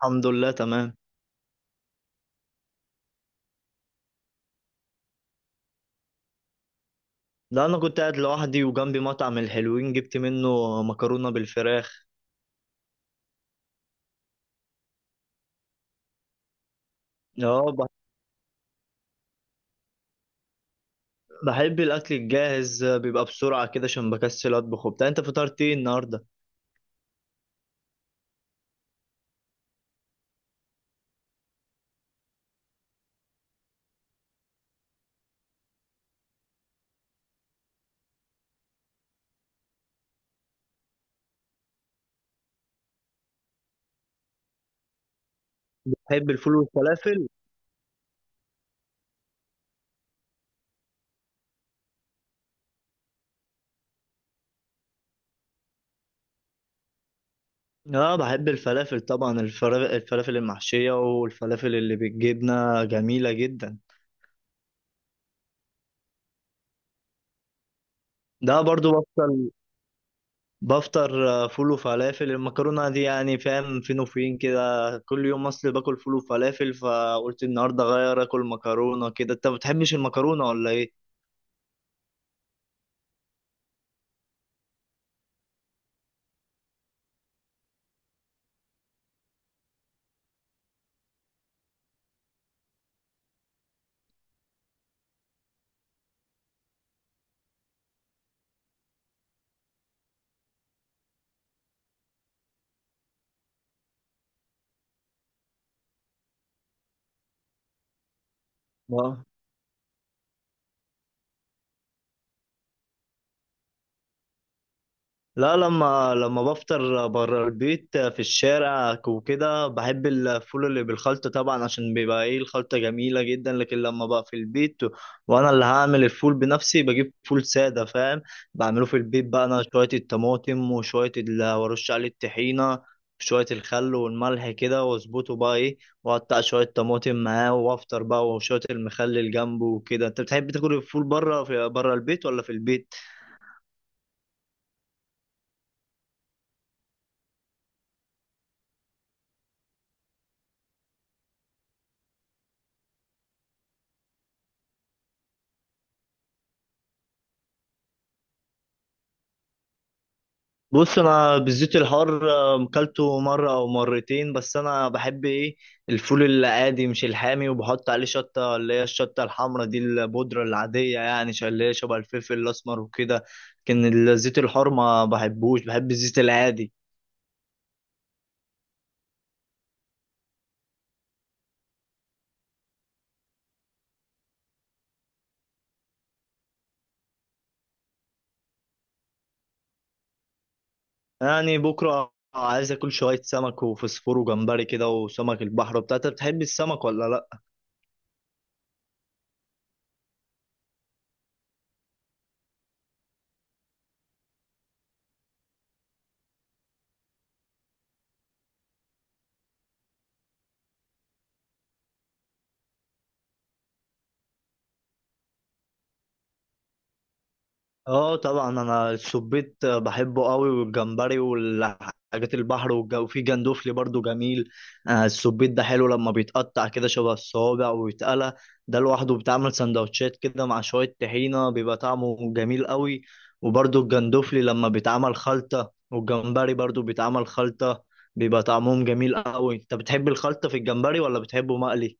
الحمد لله تمام. لا، انا كنت قاعد لوحدي وجنبي مطعم الحلوين، جبت منه مكرونه بالفراخ. اه بح- بحب الاكل الجاهز، بيبقى بسرعه كده عشان بكسل اطبخ وبتاع. انت فطرت ايه النهارده؟ بحب الفول والفلافل. اه بحب الفلافل طبعا، الفلافل المحشيه والفلافل اللي بالجبنه جميله جدا. ده برضو بفطر فول وفلافل، المكرونة دي يعني فاهم فين وفين كده. كل يوم اصل باكل فول وفلافل، فقلت النهاردة اغير اكل مكرونة كده. انت ما بتحبش المكرونة ولا ايه؟ آه. لا، لما بفطر بره البيت في الشارع وكده بحب الفول اللي بالخلطة طبعا، عشان بيبقى ايه الخلطة جميلة جدا. لكن لما بقى في البيت وانا اللي هعمل الفول بنفسي بجيب فول سادة، فاهم. بعمله في البيت بقى، انا شوية الطماطم وشوية اللي ورش عليه الطحينة، شوية الخل والملح كده واظبطه بقى ايه، واقطع شوية طماطم معاه وافطر بقى، وشوية المخلل جنبه وكده. انت بتحب تاكل الفول بره في بره البيت ولا في البيت؟ بص انا بالزيت الحار كلته مره او مرتين، بس انا بحب ايه الفول العادي مش الحامي، وبحط عليه شطه اللي هي الشطه الحمراء دي البودره العاديه، اللي هي شبه الفلفل الاسمر وكده. لكن الزيت الحار ما بحبوش، بحب الزيت العادي. يعني بكره عايز اكل شويه سمك وفسفور وجمبري كده وسمك البحر. بتاعتك بتحب السمك ولا لا؟ اه طبعا، انا السبيت بحبه قوي، والجمبري والحاجات البحر والجو، وفي جندوفلي برضو جميل. السبيت ده حلو لما بيتقطع كده شبه الصوابع ويتقلى، ده لوحده بتعمل سندوتشات كده مع شوية طحينة بيبقى طعمه جميل قوي. وبرضو الجندوفلي لما بيتعمل خلطة، والجمبري برضو بيتعمل خلطة بيبقى طعمهم جميل قوي. انت بتحب الخلطة في الجمبري ولا بتحبه مقلي؟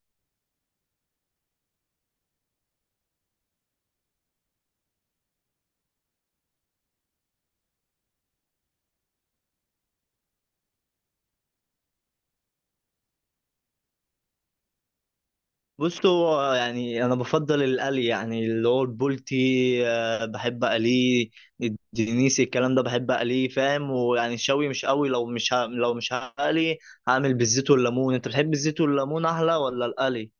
بص هو يعني انا بفضل القلي، يعني اللي هو البولتي بحب اقليه، الدنيسي الكلام ده بحب اقليه، فاهم. ويعني الشوي مش قوي، لو مش هقلي هعمل بالزيت والليمون. انت بتحب الزيت والليمون احلى ولا القلي؟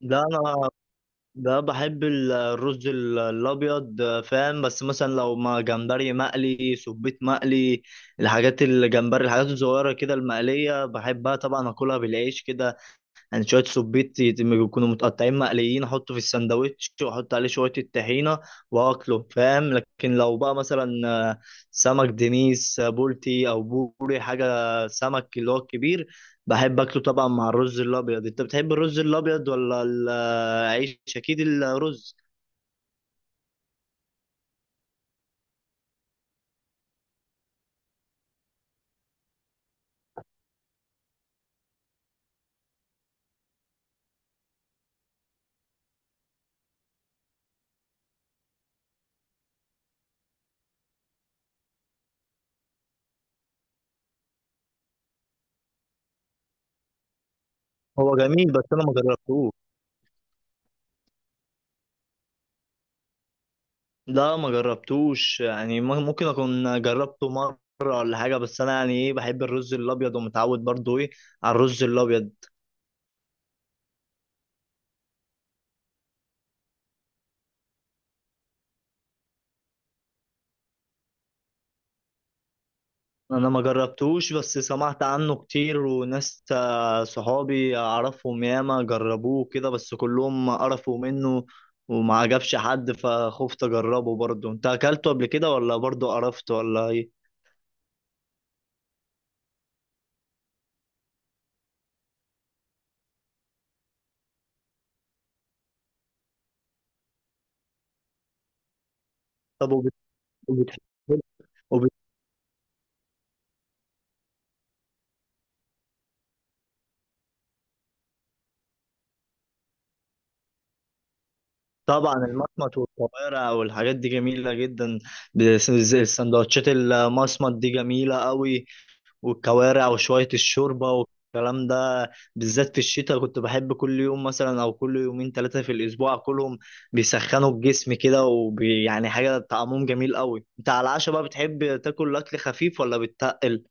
ده انا بحب الرز الابيض فاهم. بس مثلا لو ما جمبري مقلي، سبيت مقلي، الحاجات الجمبري الحاجات الصغيره كده المقليه بحبها طبعا اكلها بالعيش كده. يعني شويه سبيت يكونوا متقطعين مقليين، احطه في الساندوتش واحط عليه شويه الطحينه واكله، فاهم. لكن لو بقى مثلا آه، سمك دنيس بولتي او بوري حاجه، سمك اللي هو الكبير، بحب اكله طبعا مع الرز الابيض. انت بتحب الرز الابيض ولا العيش؟ اكيد الرز، هو جميل بس انا ما جربتوش. لا ما جربتوش، يعني ممكن اكون جربته مره ولا حاجه، بس انا يعني ايه بحب الرز الابيض ومتعود برضو ايه على الرز الابيض. انا ما جربتوش بس سمعت عنه كتير، وناس صحابي اعرفهم ياما جربوه كده، بس كلهم قرفوا منه وما عجبش حد، فخفت اجربه برضه. انت اكلته قبل كده ولا برضه قرفت ولا ايه؟ طب وبت... وبت... وبت... طبعا المصمت والكوارع والحاجات دي جميلة جدا، السندوتشات المصمت دي جميلة قوي، والكوارع وشوية الشوربة والكلام ده بالذات في الشتاء، كنت بحب كل يوم مثلا أو كل يومين ثلاثة في الأسبوع كلهم بيسخنوا الجسم كده، وبي يعني حاجة طعمهم جميل قوي. أنت على العشاء بقى بتحب تاكل أكل خفيف ولا بتتقل؟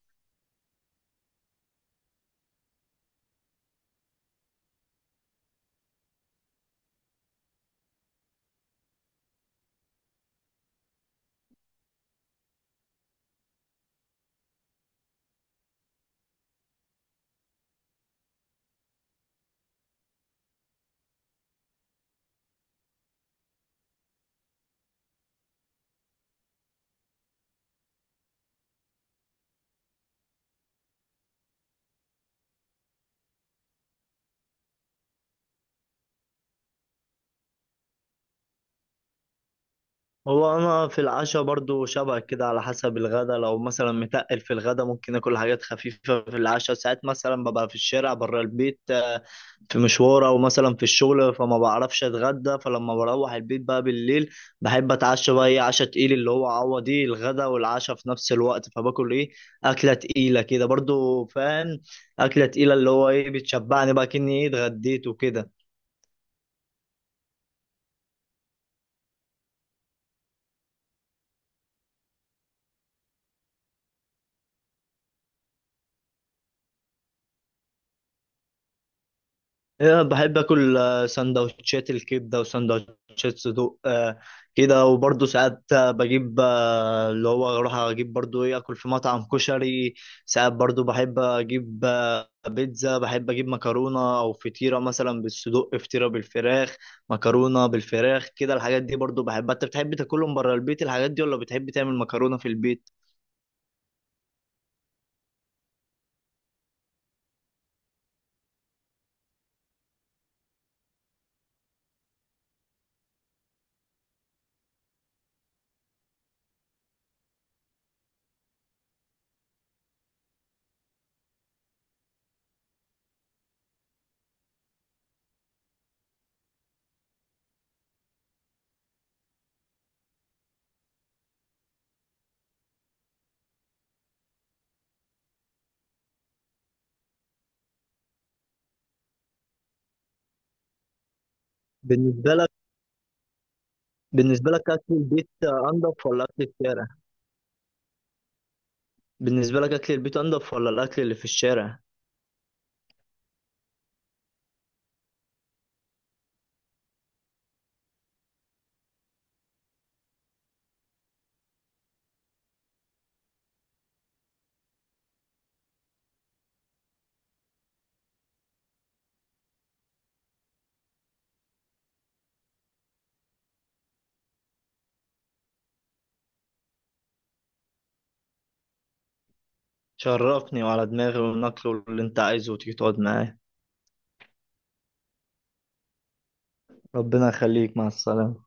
هو أنا في العشاء برضو شبه كده على حسب الغدا، لو مثلا متقل في الغدا ممكن آكل حاجات خفيفة في العشاء. ساعات مثلا ببقى في الشارع بره البيت في مشوار او مثلا في الشغل، فما بعرفش اتغدى، فلما بروح البيت بقى بالليل بحب اتعشى بقى ايه عشا تقيل، اللي هو عوض ايه الغدا والعشاء في نفس الوقت، فباكل ايه اكله تقيله كده برضو، فاهم، اكله تقيله اللي هو ايه بتشبعني بقى كني ايه اتغديت وكده. إيه، بحب اكل سندوتشات الكبده وسندوتشات صدوق كده. وبرضه ساعات بجيب اللي هو اروح اجيب برضه ايه اكل في مطعم كشري. ساعات برضه بحب اجيب بيتزا، بحب اجيب مكرونه او فطيره مثلا بالصدوق، فطيره بالفراخ، مكرونه بالفراخ كده، الحاجات دي برضه بحبها. انت بتحب تاكلهم بره البيت الحاجات دي ولا بتحب تعمل مكرونه في البيت؟ بالنسبه لك بالنسبه لك اكل البيت انضف ولا اكل الشارع؟ بالنسبه لك اكل البيت انضف ولا الاكل اللي في الشارع؟ شرفني، وعلى دماغي، والنقل اللي انت عايزه، وتيجي تقعد معايا. ربنا يخليك، مع السلامة.